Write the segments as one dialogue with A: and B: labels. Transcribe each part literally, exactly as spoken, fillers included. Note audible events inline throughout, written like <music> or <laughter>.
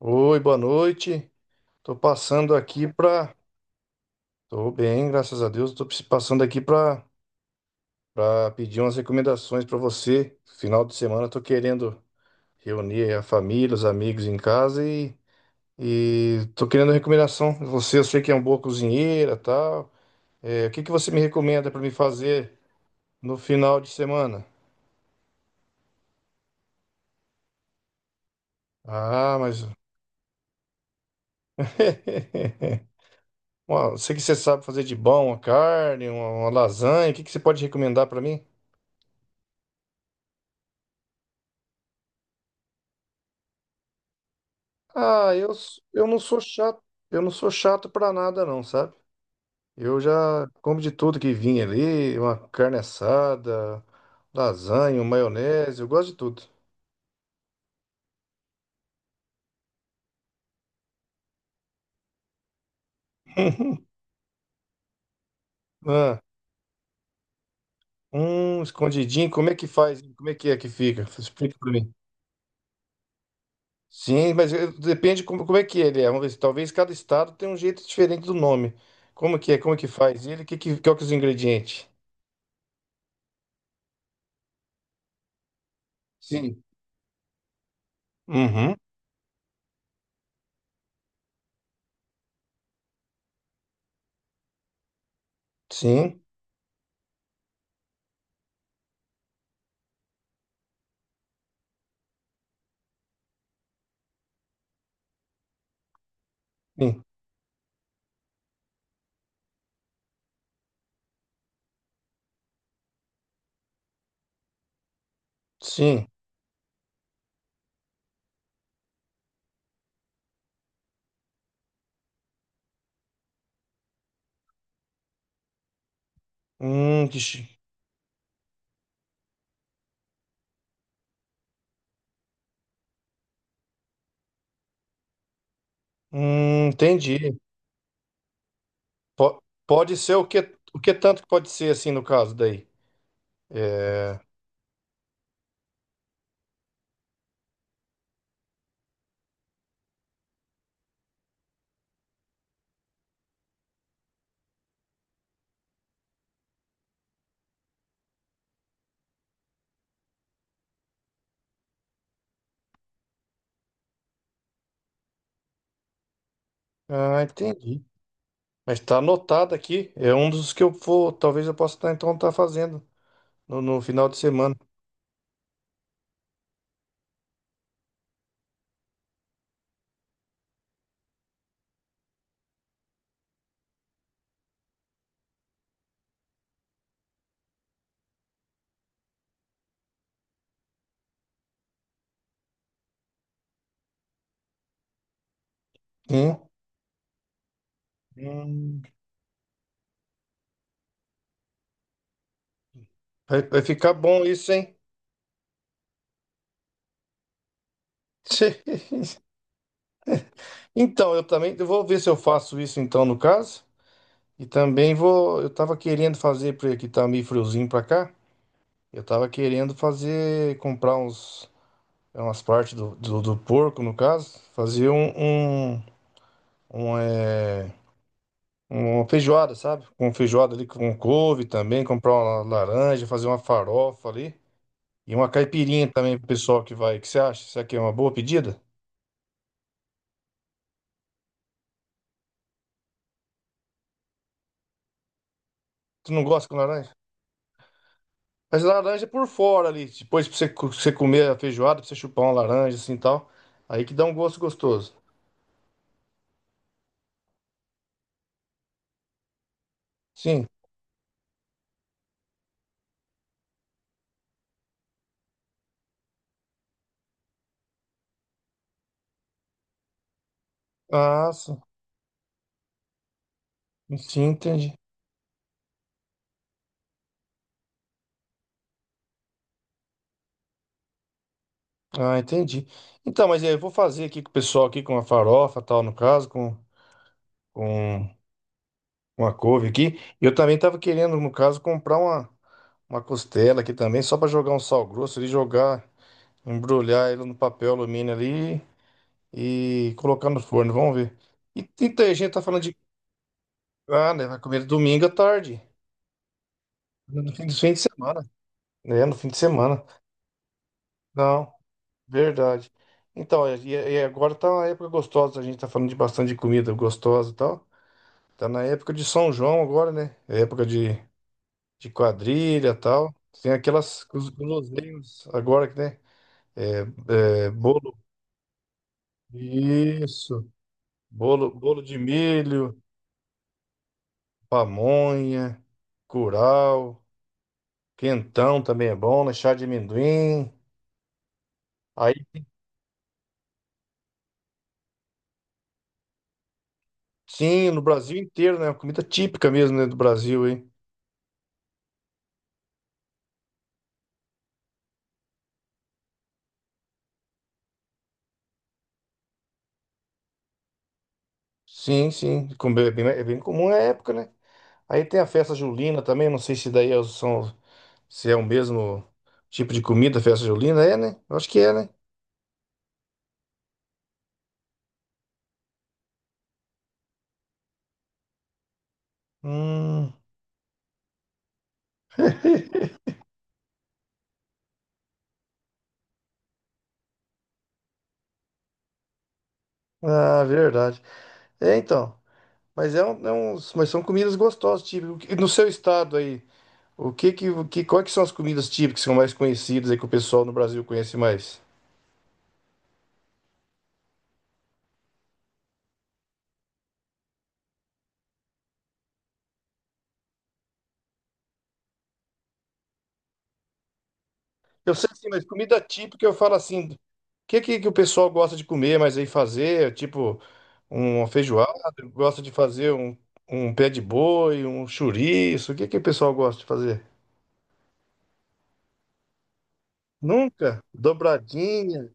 A: Oi, boa noite. Tô passando aqui pra. Tô bem, graças a Deus. Tô passando aqui pra para pedir umas recomendações pra você. Final de semana eu tô querendo reunir a família, os amigos em casa e e tô querendo recomendação. Você, eu sei que é uma boa cozinheira, tal. É, o que que você me recomenda pra me fazer no final de semana? Ah, mas <laughs> Uma- eu sei que você sabe fazer de bom uma carne, uma, uma lasanha. O que que você pode recomendar pra mim? Ah, eu, s- eu não sou chato, eu não sou chato pra nada não, sabe? Eu já como de tudo que vinha ali, uma carne assada, lasanha, um maionese, eu gosto de tudo. Ah, um escondidinho, como é que faz? Como é que é que fica? Explica pra mim. Sim, mas eu- depende como, como é que ele é. Vamos ver se talvez cada estado tenha um jeito diferente do nome. Como que é? Como que faz? Ele, que, que, qual que é os ingredientes? Sim. Uhum. Sim. Sim. Sim. Hum, que chi- Hum, entendi. Po- Pode ser o que, o que tanto que pode ser, assim, no caso daí. É... Ah, entendi. Mas tá anotado aqui. É um dos que eu vou. Talvez eu possa estar, então, tá fazendo no, no final de semana. Hum. Hum. Vai, vai ficar bom isso, hein? <laughs> Então, eu também. Eu vou ver se eu faço isso, então, no caso. E também vou. Eu tava querendo fazer, porque tá meio friozinho pra cá. Eu tava querendo fazer. Comprar uns. É Umas partes do, do, do porco, no caso. Fazer um... um- um, é, uma feijoada, sabe? Com feijoada ali com couve também, comprar uma laranja, fazer uma farofa ali. E uma caipirinha também pro pessoal que vai. O que você acha? Será que é uma boa pedida? Tu não gosta com laranja? Mas laranja por fora ali. Depois pra você, co- você comer a feijoada, pra você chupar uma laranja assim e tal. Aí que dá um gosto gostoso. Sim. Ah, sim. Sim, entendi. Ah, entendi. Então, mas é, eu vou fazer aqui com o pessoal aqui com a farofa tal, no caso, com, com uma couve aqui. Eu também tava querendo, no caso, comprar uma, uma costela aqui também, só para jogar um sal grosso ali, jogar, embrulhar ele no papel alumínio ali e colocar no forno. Vamos ver. E, então, a gente tá falando de. Ah, né? Vai comer domingo à tarde. No fim, no fim de semana. É, no fim de semana. Não, verdade. Então, e, e agora tá uma época gostosa. A gente tá falando de bastante de comida gostosa e tal. Tá na época de São João agora, né? É época de. De quadrilha e tal. Tem aquelas com os guloseimas agora que né? É, é, bolo. Isso. Bolo, bolo de milho, pamonha, curau, quentão também é bom, né? Chá de amendoim. Aí sim, no Brasil inteiro, né? Comida típica mesmo, né, do Brasil, hein? Sim, sim. Como É bem, é bem comum é a época, né? Aí tem a festa julina também, não sei se daí é- o- são, se é o mesmo tipo de comida, a festa julina, é, né? Eu acho que é, né? Hum. Ah, verdade. É, então. Mas é, um, é uns, mas são comidas gostosas, tipo, no seu estado aí, o que que, o que, quais que são as comidas típicas que são mais conhecidas aí que o pessoal no Brasil conhece mais? Eu sei que sim, mas comida típica eu falo assim, o que que, que o pessoal gosta de comer, mas aí fazer, tipo, uma feijoada, gosta de fazer um, um pé de boi, um chouriço, o que que o pessoal gosta de fazer? Nunca? Dobradinha,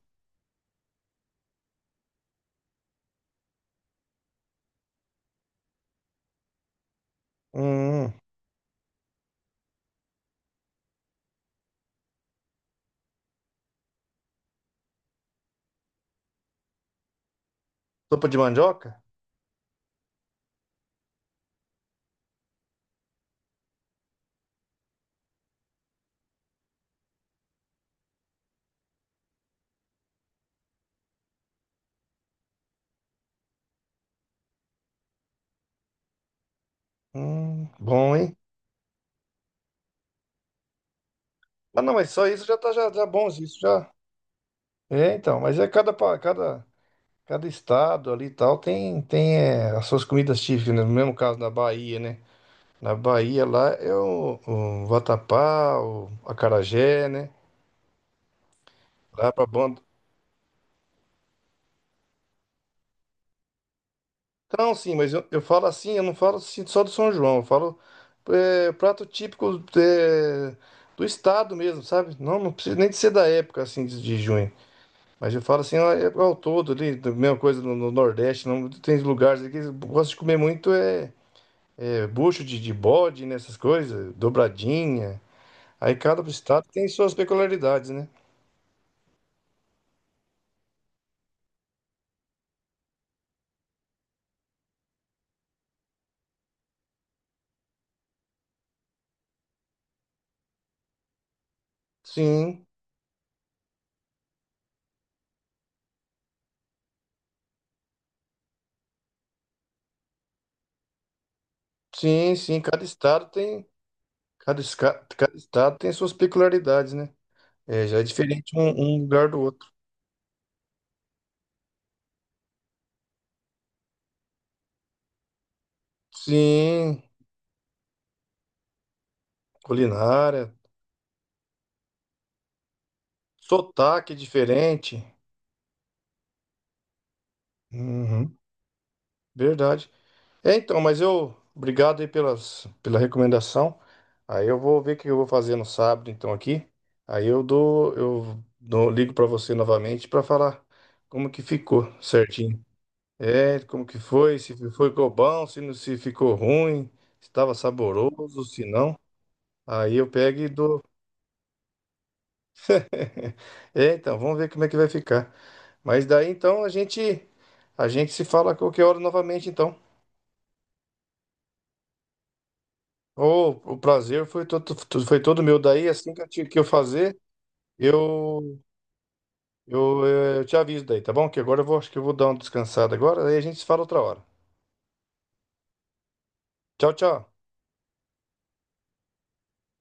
A: hum, sopa de mandioca? Hum, bom, hein? Ah, não, mas só isso já tá já, já bons, isso já. É, então, mas é cada, pa- cada, cada estado ali e tal tem, tem é, as suas comidas típicas, né? No mesmo caso na Bahia, né? Na Bahia lá é o, o vatapá, o acarajé, né? Lá é pra banda. Então, sim, mas eu, eu falo assim, eu não falo assim só do São João, eu falo é, prato típico é, do estado mesmo, sabe? Não, não precisa nem de ser da época assim de de junho. Mas eu falo assim, ó, é ao todo ali, da mesma coisa no, no Nordeste, não tem lugares aqui que gosta de comer muito é, é bucho de, de bode, nessas coisas, dobradinha. Aí cada estado tem suas peculiaridades, né? Sim, sim, sim, cada estado tem, cada, esca- cada estado tem suas peculiaridades, né? É, já é diferente um, um lugar do outro. Sim, culinária, sotaque é diferente. Uhum, verdade. É, então, mas eu. Obrigado aí pelas, pela recomendação. Aí eu vou ver o que eu vou fazer no sábado, então, aqui. Aí eu dou, eu dou- ligo para você novamente para falar como que ficou certinho. É, como que foi, se foi ficou bom, se não se ficou ruim, se estava saboroso, se não. Aí eu pego e dou. <laughs> É, então, vamos ver como é que vai ficar. Mas daí então a gente a gente se fala a qualquer hora novamente, então. O, o prazer foi todo, foi todo meu. Daí, assim que eu, ti- que eu fazer, eu, eu, eh, eu te aviso daí, tá bom? Que agora eu vou, acho que eu vou dar uma descansada agora, daí a gente se fala outra hora. Tchau, tchau.